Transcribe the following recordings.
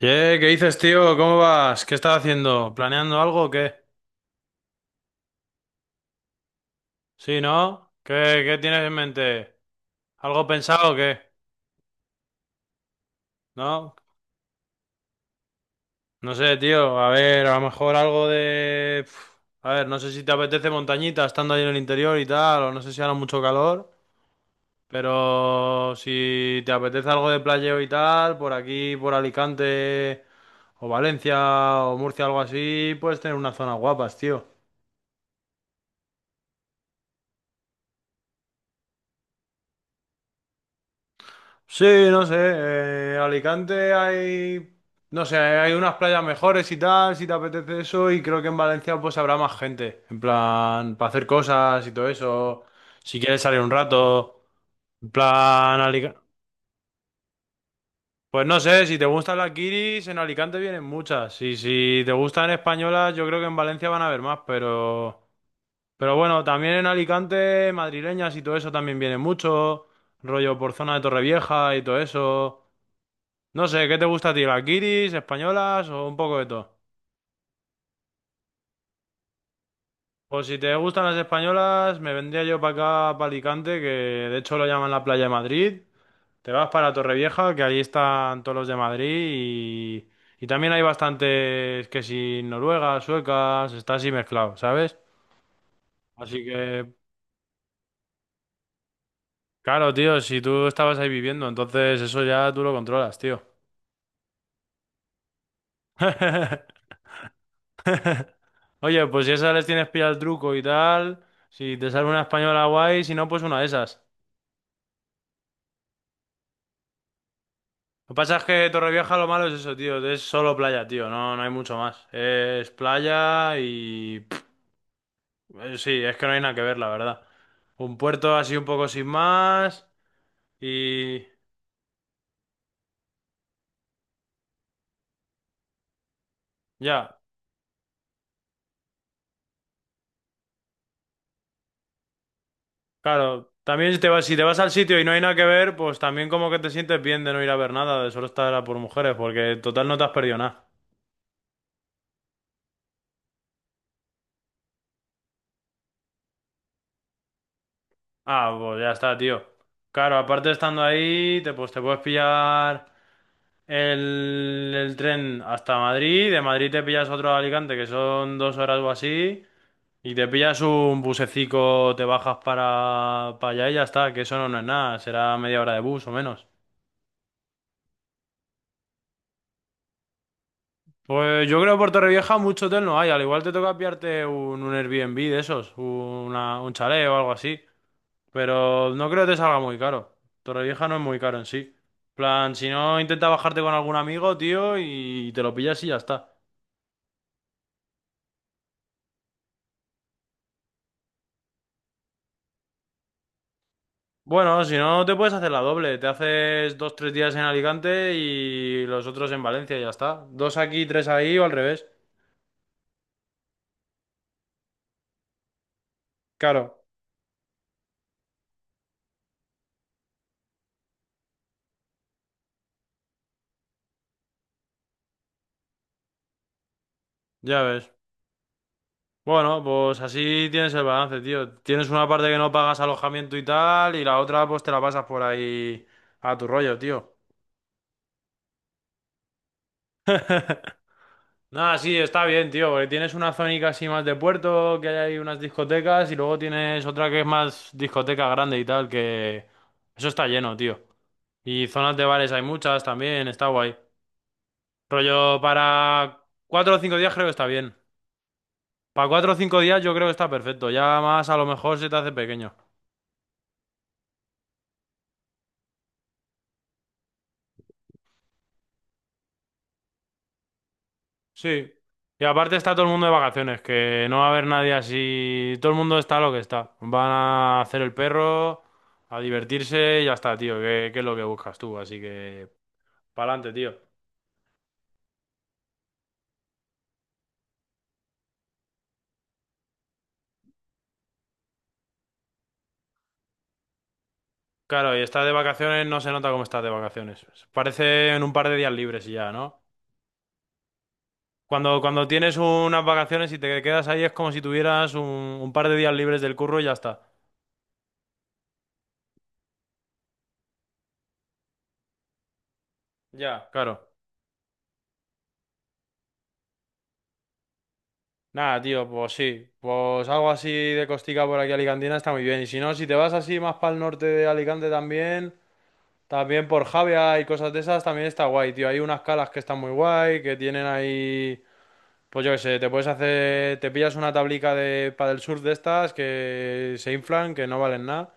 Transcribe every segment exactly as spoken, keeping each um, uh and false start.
Ye, ¿qué dices, tío? ¿Cómo vas? ¿Qué estás haciendo? ¿Planeando algo o qué? ¿Sí, no? ¿Qué, qué tienes en mente? ¿Algo pensado o qué? ¿No? No sé, tío. A ver, a lo mejor algo de... Pf, a ver, no sé si te apetece montañita estando ahí en el interior y tal, o no sé si hará mucho calor, pero si te apetece algo de playeo y tal, por aquí, por Alicante, o Valencia, o Murcia, algo así, puedes tener unas zonas guapas, tío. Sí, no sé, eh, Alicante hay, no sé, hay unas playas mejores y tal, si te apetece eso, y creo que en Valencia pues habrá más gente, en plan, para hacer cosas y todo eso, si quieres salir un rato, en plan, Alicante, pues no sé, si te gustan las guiris, en Alicante vienen muchas, y si te gustan españolas, yo creo que en Valencia van a haber más, pero, pero bueno, también en Alicante, madrileñas y todo eso también vienen mucho, rollo por zona de Torrevieja y todo eso. No sé, ¿qué te gusta a ti? ¿Las guiris, españolas o un poco de todo? Pues si te gustan las españolas, me vendría yo para acá, para Alicante, que de hecho lo llaman la playa de Madrid. Te vas para Torrevieja, que allí están todos los de Madrid y, y también hay bastantes que si noruegas, suecas, está así mezclado, ¿sabes? Así que, claro, tío, si tú estabas ahí viviendo, entonces eso ya tú lo controlas, tío. Oye, pues si esas les tienes pillado el truco y tal, si te sale una española guay, si no, pues una de esas. Lo que pasa es que Torrevieja lo malo es eso, tío. Es solo playa, tío. No, no hay mucho más. Es playa y... pff, eh, sí, es que no hay nada que ver, la verdad. Un puerto así un poco sin más y... Ya, claro. También si te vas, si te vas al sitio y no hay nada que ver, pues también como que te sientes bien de no ir a ver nada, de solo estar a por mujeres, porque total no te has perdido nada. Ah, pues ya está, tío. Claro, aparte estando ahí, te, pues te puedes pillar... el, el tren hasta Madrid, de Madrid te pillas otro a Alicante, que son dos horas o así, y te pillas un busecico, te bajas para, para allá y ya está, que eso no, no es nada, será media hora de bus o menos. Pues yo creo que por Torrevieja mucho hotel no hay, al igual te toca pillarte un, un Airbnb de esos, una, un chalet o algo así, pero no creo que te salga muy caro. Torrevieja no es muy caro en sí. Plan, si no, intenta bajarte con algún amigo, tío, y te lo pillas y ya está. Bueno, si no, te puedes hacer la doble. Te haces dos, tres días en Alicante y los otros en Valencia y ya está. Dos aquí, tres ahí o al revés. Claro, ya ves. Bueno, pues así tienes el balance, tío. Tienes una parte que no pagas alojamiento y tal, y la otra pues te la pasas por ahí a tu rollo, tío. Nada, sí, está bien, tío, porque tienes una zónica así más de puerto, que hay ahí unas discotecas, y luego tienes otra que es más discoteca grande y tal, que... Eso está lleno, tío. Y zonas de bares hay muchas también, está guay. Rollo para cuatro o cinco días creo que está bien. Para cuatro o cinco días yo creo que está perfecto. Ya más a lo mejor se te hace pequeño. Sí. Y aparte está todo el mundo de vacaciones, que no va a haber nadie así. Todo el mundo está lo que está. Van a hacer el perro, a divertirse y ya está, tío. Que, que es lo que buscas tú. Así que, pa'lante, tío. Claro, y estás de vacaciones, no se nota cómo estás de vacaciones. Parece en un par de días libres y ya, ¿no? Cuando, cuando tienes unas vacaciones y te quedas ahí es como si tuvieras un, un par de días libres del curro y ya está. Ya, claro. Nada, tío, pues sí. Pues algo así de costica por aquí alicantina está muy bien. Y si no, si te vas así más para el norte de Alicante también, también por Javea y cosas de esas, también está guay, tío. Hay unas calas que están muy guay, que tienen ahí... Pues yo qué sé, te puedes hacer... Te pillas una tablica de del surf de estas que se inflan, que no valen nada.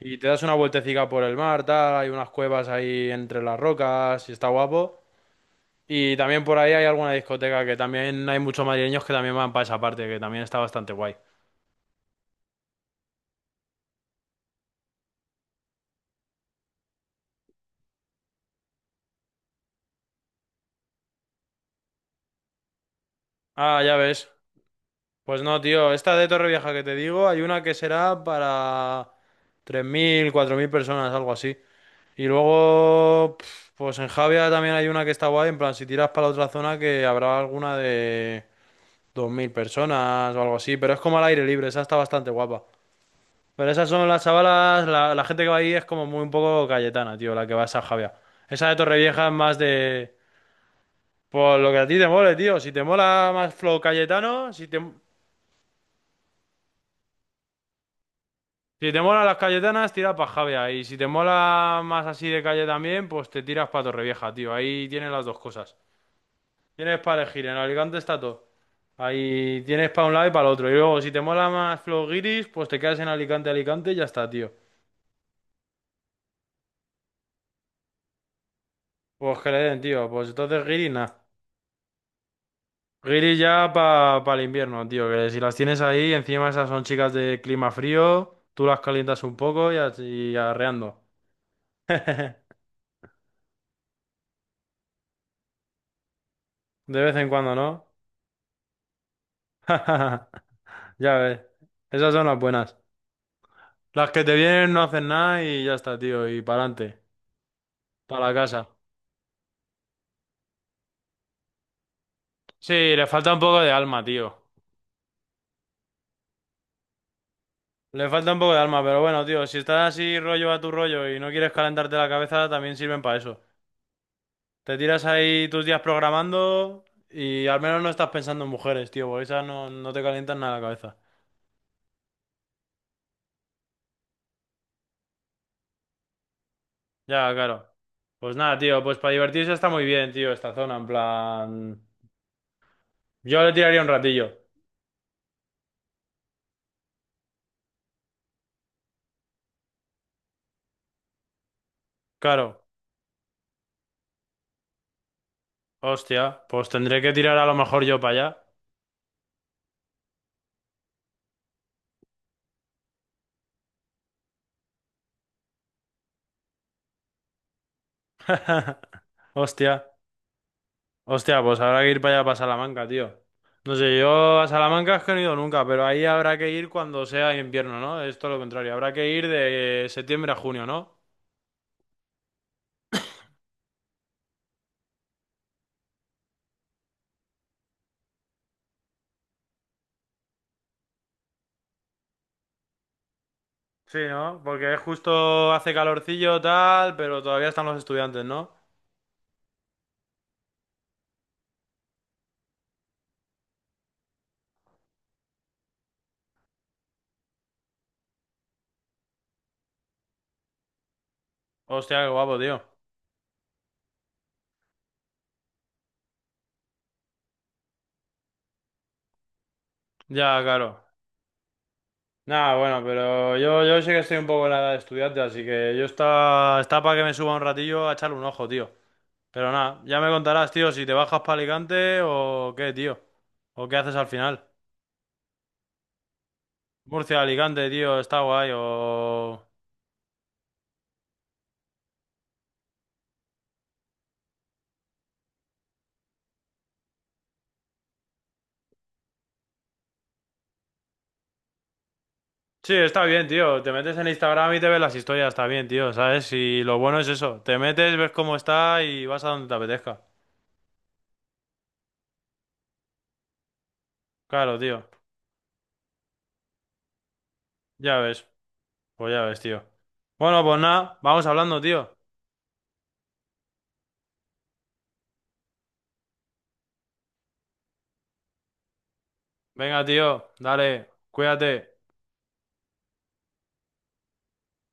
Y te das una vueltecica por el mar, tal, hay unas cuevas ahí entre las rocas y está guapo. Y también por ahí hay alguna discoteca que también hay muchos madrileños que también van para esa parte, que también está bastante guay. Ah, ya ves. Pues no, tío, esta de Torrevieja que te digo, hay una que será para tres mil cuatro mil personas, algo así. Y luego, pf, pues en Javia también hay una que está guay, en plan, si tiras para la otra zona que habrá alguna de dos mil personas o algo así, pero es como al aire libre, esa está bastante guapa. Pero esas son las chavalas, la, la gente que va ahí es como muy un poco cayetana, tío, la que va a San Javier. Esa de Torrevieja es más de... Por lo que a ti te mole, tío. Si te mola más flow cayetano, si te, si te mola las cayetanas, tira para Javia. Y si te mola más así de calle también, pues te tiras para Torrevieja, tío. Ahí tienes las dos cosas. Tienes para elegir, en Alicante está todo. Ahí tienes para un lado y para el otro. Y luego, si te mola más flow guiris, pues te quedas en Alicante, Alicante y ya está, tío. Pues que le den, tío. Pues entonces guiris, nada. Guiri ya para el invierno, tío, que si las tienes ahí, encima esas son chicas de clima frío, tú las calientas un poco y, así- y arreando. De vez en cuando, ¿no? Ya ves, esas son las buenas. Las que te vienen no hacen nada y ya está, tío, y para adelante, para la casa. Sí, le falta un poco de alma, tío. Le falta un poco de alma, pero bueno, tío, si estás así rollo a tu rollo y no quieres calentarte la cabeza, también sirven para eso. Te tiras ahí tus días programando y al menos no estás pensando en mujeres, tío, porque esas no, no te calientan nada la cabeza. Ya, claro. Pues nada, tío, pues para divertirse está muy bien, tío, esta zona, en plan... Yo le tiraría un ratillo. Claro. Hostia, pues tendré que tirar a lo mejor yo para allá. Hostia, hostia, pues habrá que ir para allá, para Salamanca, tío. No sé, yo a Salamanca es que no he ido nunca, pero ahí habrá que ir cuando sea invierno, ¿no? Es todo lo contrario, habrá que ir de septiembre a junio, ¿no? Sí, ¿no? Porque justo hace calorcillo tal, pero todavía están los estudiantes, ¿no? Hostia, qué guapo, tío. Ya, claro. Nada, bueno, pero yo, yo sé que estoy un poco en la edad de estudiante, así que yo está, está para que me suba un ratillo a echarle un ojo, tío. Pero nada, ya me contarás, tío, si te bajas para Alicante o qué, tío. O qué haces al final. Murcia, Alicante, tío, está guay, o... Sí, está bien, tío. Te metes en Instagram y te ves las historias, está bien, tío, ¿sabes? Y lo bueno es eso. Te metes, ves cómo está y vas a donde te apetezca. Claro, tío. Ya ves. Pues ya ves, tío. Bueno, pues nada, vamos hablando, tío. Venga, tío, dale, cuídate.